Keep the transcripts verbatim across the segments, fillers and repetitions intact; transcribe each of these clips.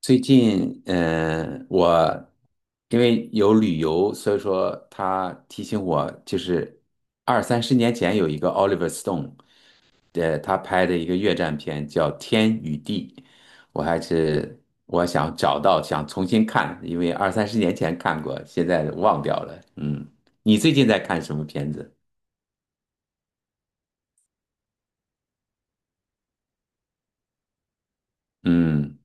最近，嗯，我因为有旅游，所以说他提醒我，就是二三十年前有一个 Oliver Stone，呃，他拍的一个越战片叫《天与地》，我还是我想找到，想重新看，因为二三十年前看过，现在忘掉了。嗯，你最近在看什么片子？嗯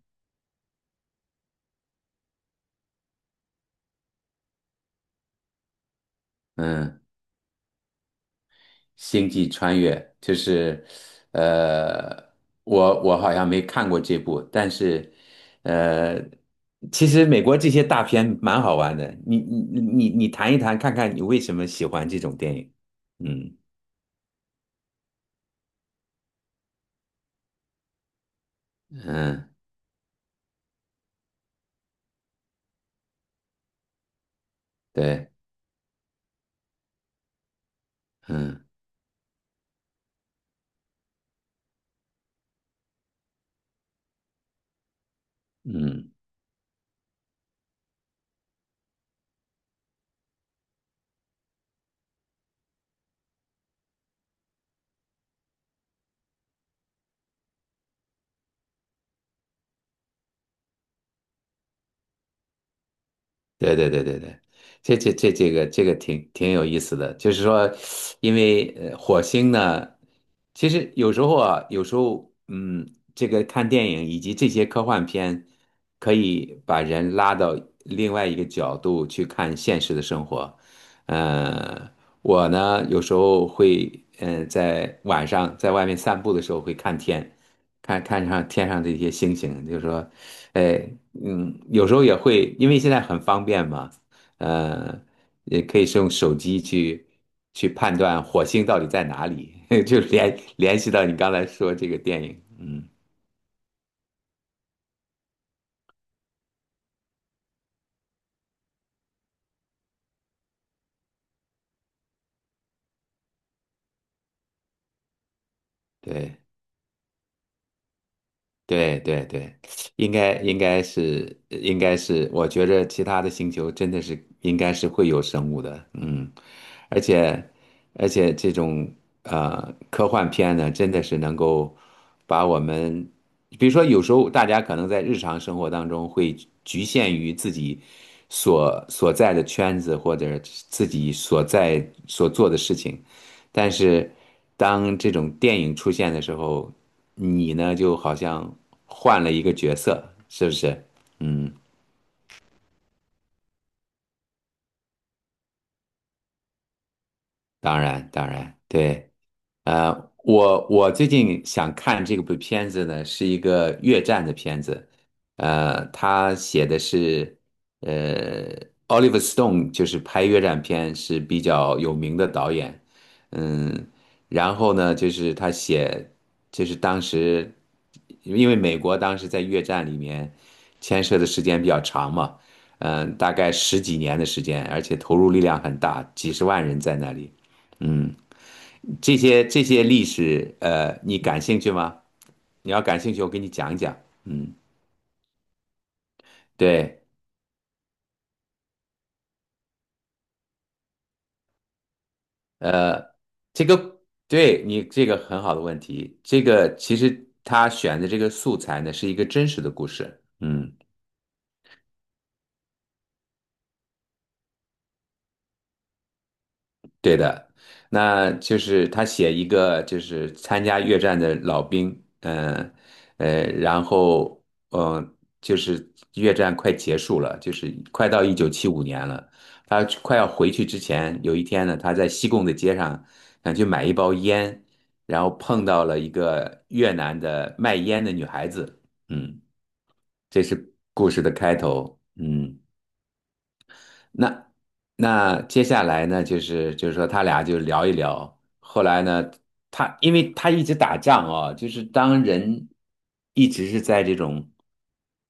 嗯。星际穿越，就是，呃，我我好像没看过这部，但是，呃，其实美国这些大片蛮好玩的，你你你你谈一谈，看看你为什么喜欢这种电影。嗯嗯，对，嗯嗯。对对对对对，这这这这个这个挺挺有意思的，就是说，因为呃火星呢，其实有时候啊，有时候嗯，这个看电影以及这些科幻片，可以把人拉到另外一个角度去看现实的生活。呃，我呢有时候会嗯、呃在晚上在外面散步的时候会看天，看看上天上这些星星，就是说哎，嗯，有时候也会，因为现在很方便嘛，呃，也可以是用手机去去判断火星到底在哪里。就联联系到你刚才说这个电影。嗯。对，对对对，应该应该是应该是，我觉着其他的星球真的是应该是会有生物的。嗯。而且而且这种呃科幻片呢，真的是能够把我们，比如说有时候大家可能在日常生活当中会局限于自己所所在的圈子或者自己所在所做的事情，但是当这种电影出现的时候，你呢就好像换了一个角色，是不是？嗯。当然，当然，对。呃，我我最近想看这部片子呢，是一个越战的片子，呃，他写的是，呃，Oliver Stone 就是拍越战片是比较有名的导演。嗯。然后呢，就是他写，就是当时，因为美国当时在越战里面牵涉的时间比较长嘛，嗯、大概十几年的时间，而且投入力量很大，几十万人在那里。嗯。这些这些历史，呃，你感兴趣吗？你要感兴趣，我给你讲一讲。嗯，对，呃，这个对你这个很好的问题。这个其实他选的这个素材呢，是一个真实的故事。嗯。对的，那就是他写一个就是参加越战的老兵。嗯呃，呃然后嗯、呃就是越战快结束了，就是快到一九七五年了，他快要回去之前，有一天呢，他在西贡的街上想去买一包烟，然后碰到了一个越南的卖烟的女孩子。嗯。这是故事的开头。嗯。那那接下来呢，就是就是说他俩就聊一聊。后来呢，他因为他一直打仗啊，就是当人一直是在这种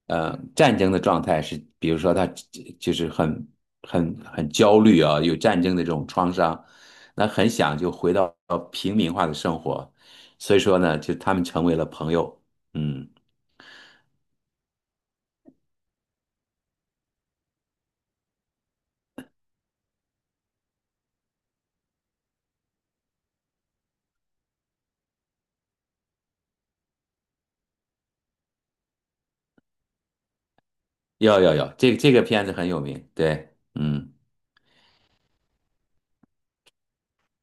呃战争的状态，是比如说他就是很很很焦虑啊，有战争的这种创伤，那很想就回到平民化的生活，所以说呢，就他们成为了朋友。嗯。要要要，这个这个片子很有名，对。嗯。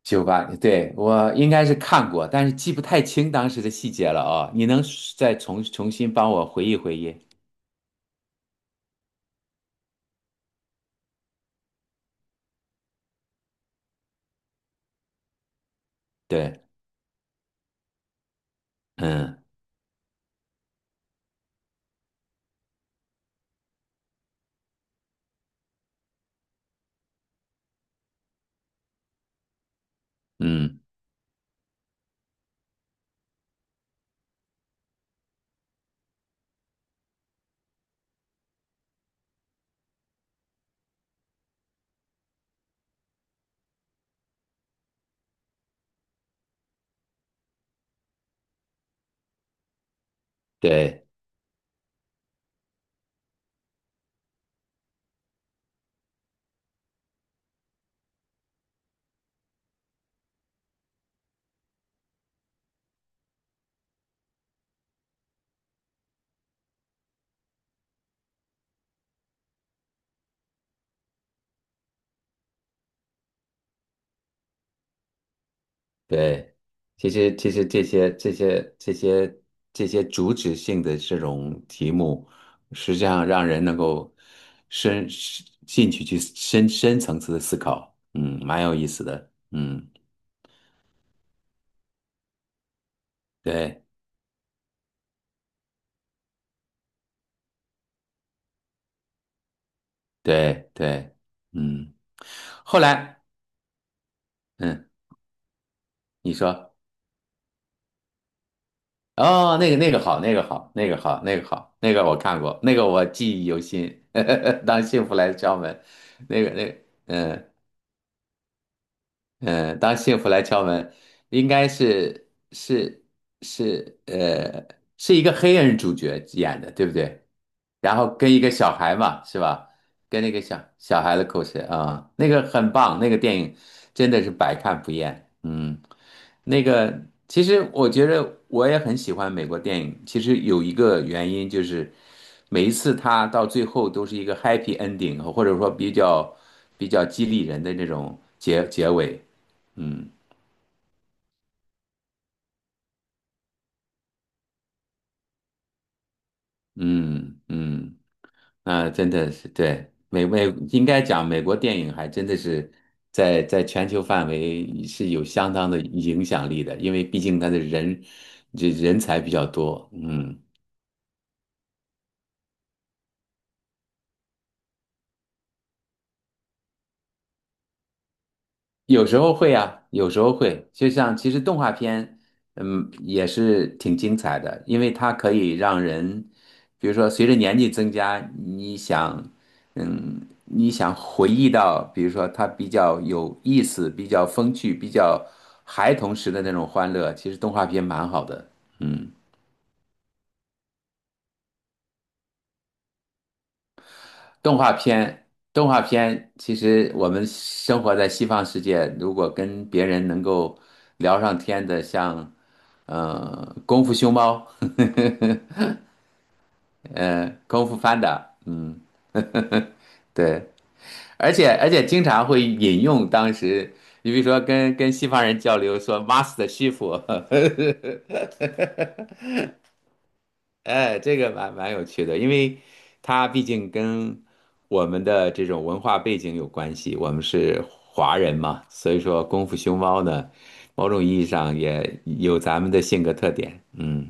九八年对，我应该是看过，但是记不太清当时的细节了啊、你能再重重新帮我回忆回忆？对，嗯嗯，对对，其实其实这些这些这些这些主旨性的这种题目，实际上让人能够深深进去去深深层次的思考。嗯，蛮有意思的。嗯，对对对。嗯。后来，嗯，你说。哦，那个那个好，那个好，那个好，那个好，那个我看过，那个我记忆犹新。当幸福来敲门。那个那个，嗯。嗯，当幸福来敲门，应该是是是呃，是一个黑人主角演的，对不对？然后跟一个小孩嘛，是吧？跟那个小小孩的故事啊，那个很棒，那个电影真的是百看不厌。嗯。那个其实我觉得我也很喜欢美国电影，其实有一个原因就是每一次它到最后都是一个 happy ending，或者说比较比较激励人的那种结结尾。嗯。嗯嗯那真的是对美美，应该讲美国电影还真的是在在全球范围是有相当的影响力的，因为毕竟它的人这人才比较多。嗯。有时候会啊，有时候会，就像其实动画片，嗯，也是挺精彩的，因为它可以让人，比如说随着年纪增加，你想，嗯，你想回忆到，比如说它比较有意思、比较风趣、比较孩童时的那种欢乐，其实动画片蛮好的。嗯。动画片，动画片，其实我们生活在西方世界，如果跟别人能够聊上天的，像呃《功夫熊猫》呃《功夫 Panda》。嗯。对，而且而且经常会引用当时，你比如说跟跟西方人交流说 “Master 师傅”。哎，这个蛮蛮有趣的，因为它毕竟跟我们的这种文化背景有关系，我们是华人嘛，所以说功夫熊猫呢，某种意义上也有咱们的性格特点。嗯。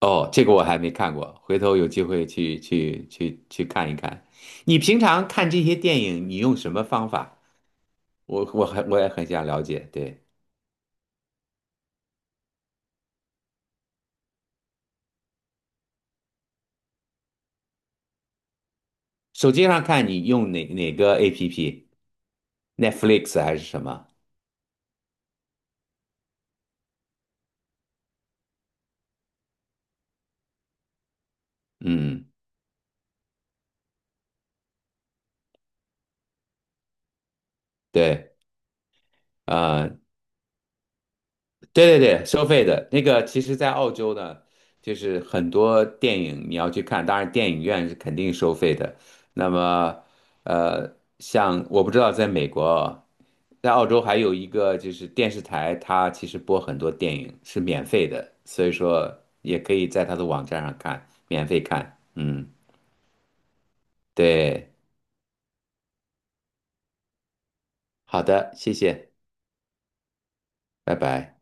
哦，这个我还没看过，回头有机会去去去去看一看。你平常看这些电影，你用什么方法？我我很我也很想了解。对。手机上看你用哪哪个 A P P？Netflix 还是什么？嗯，对。啊，对对对，收费的那个，其实，在澳洲呢，就是很多电影你要去看，当然电影院是肯定收费的。那么，呃，像我不知道在美国啊，在澳洲还有一个就是电视台，它其实播很多电影是免费的，所以说也可以在它的网站上看，免费看。嗯，对，好的，谢谢，拜拜。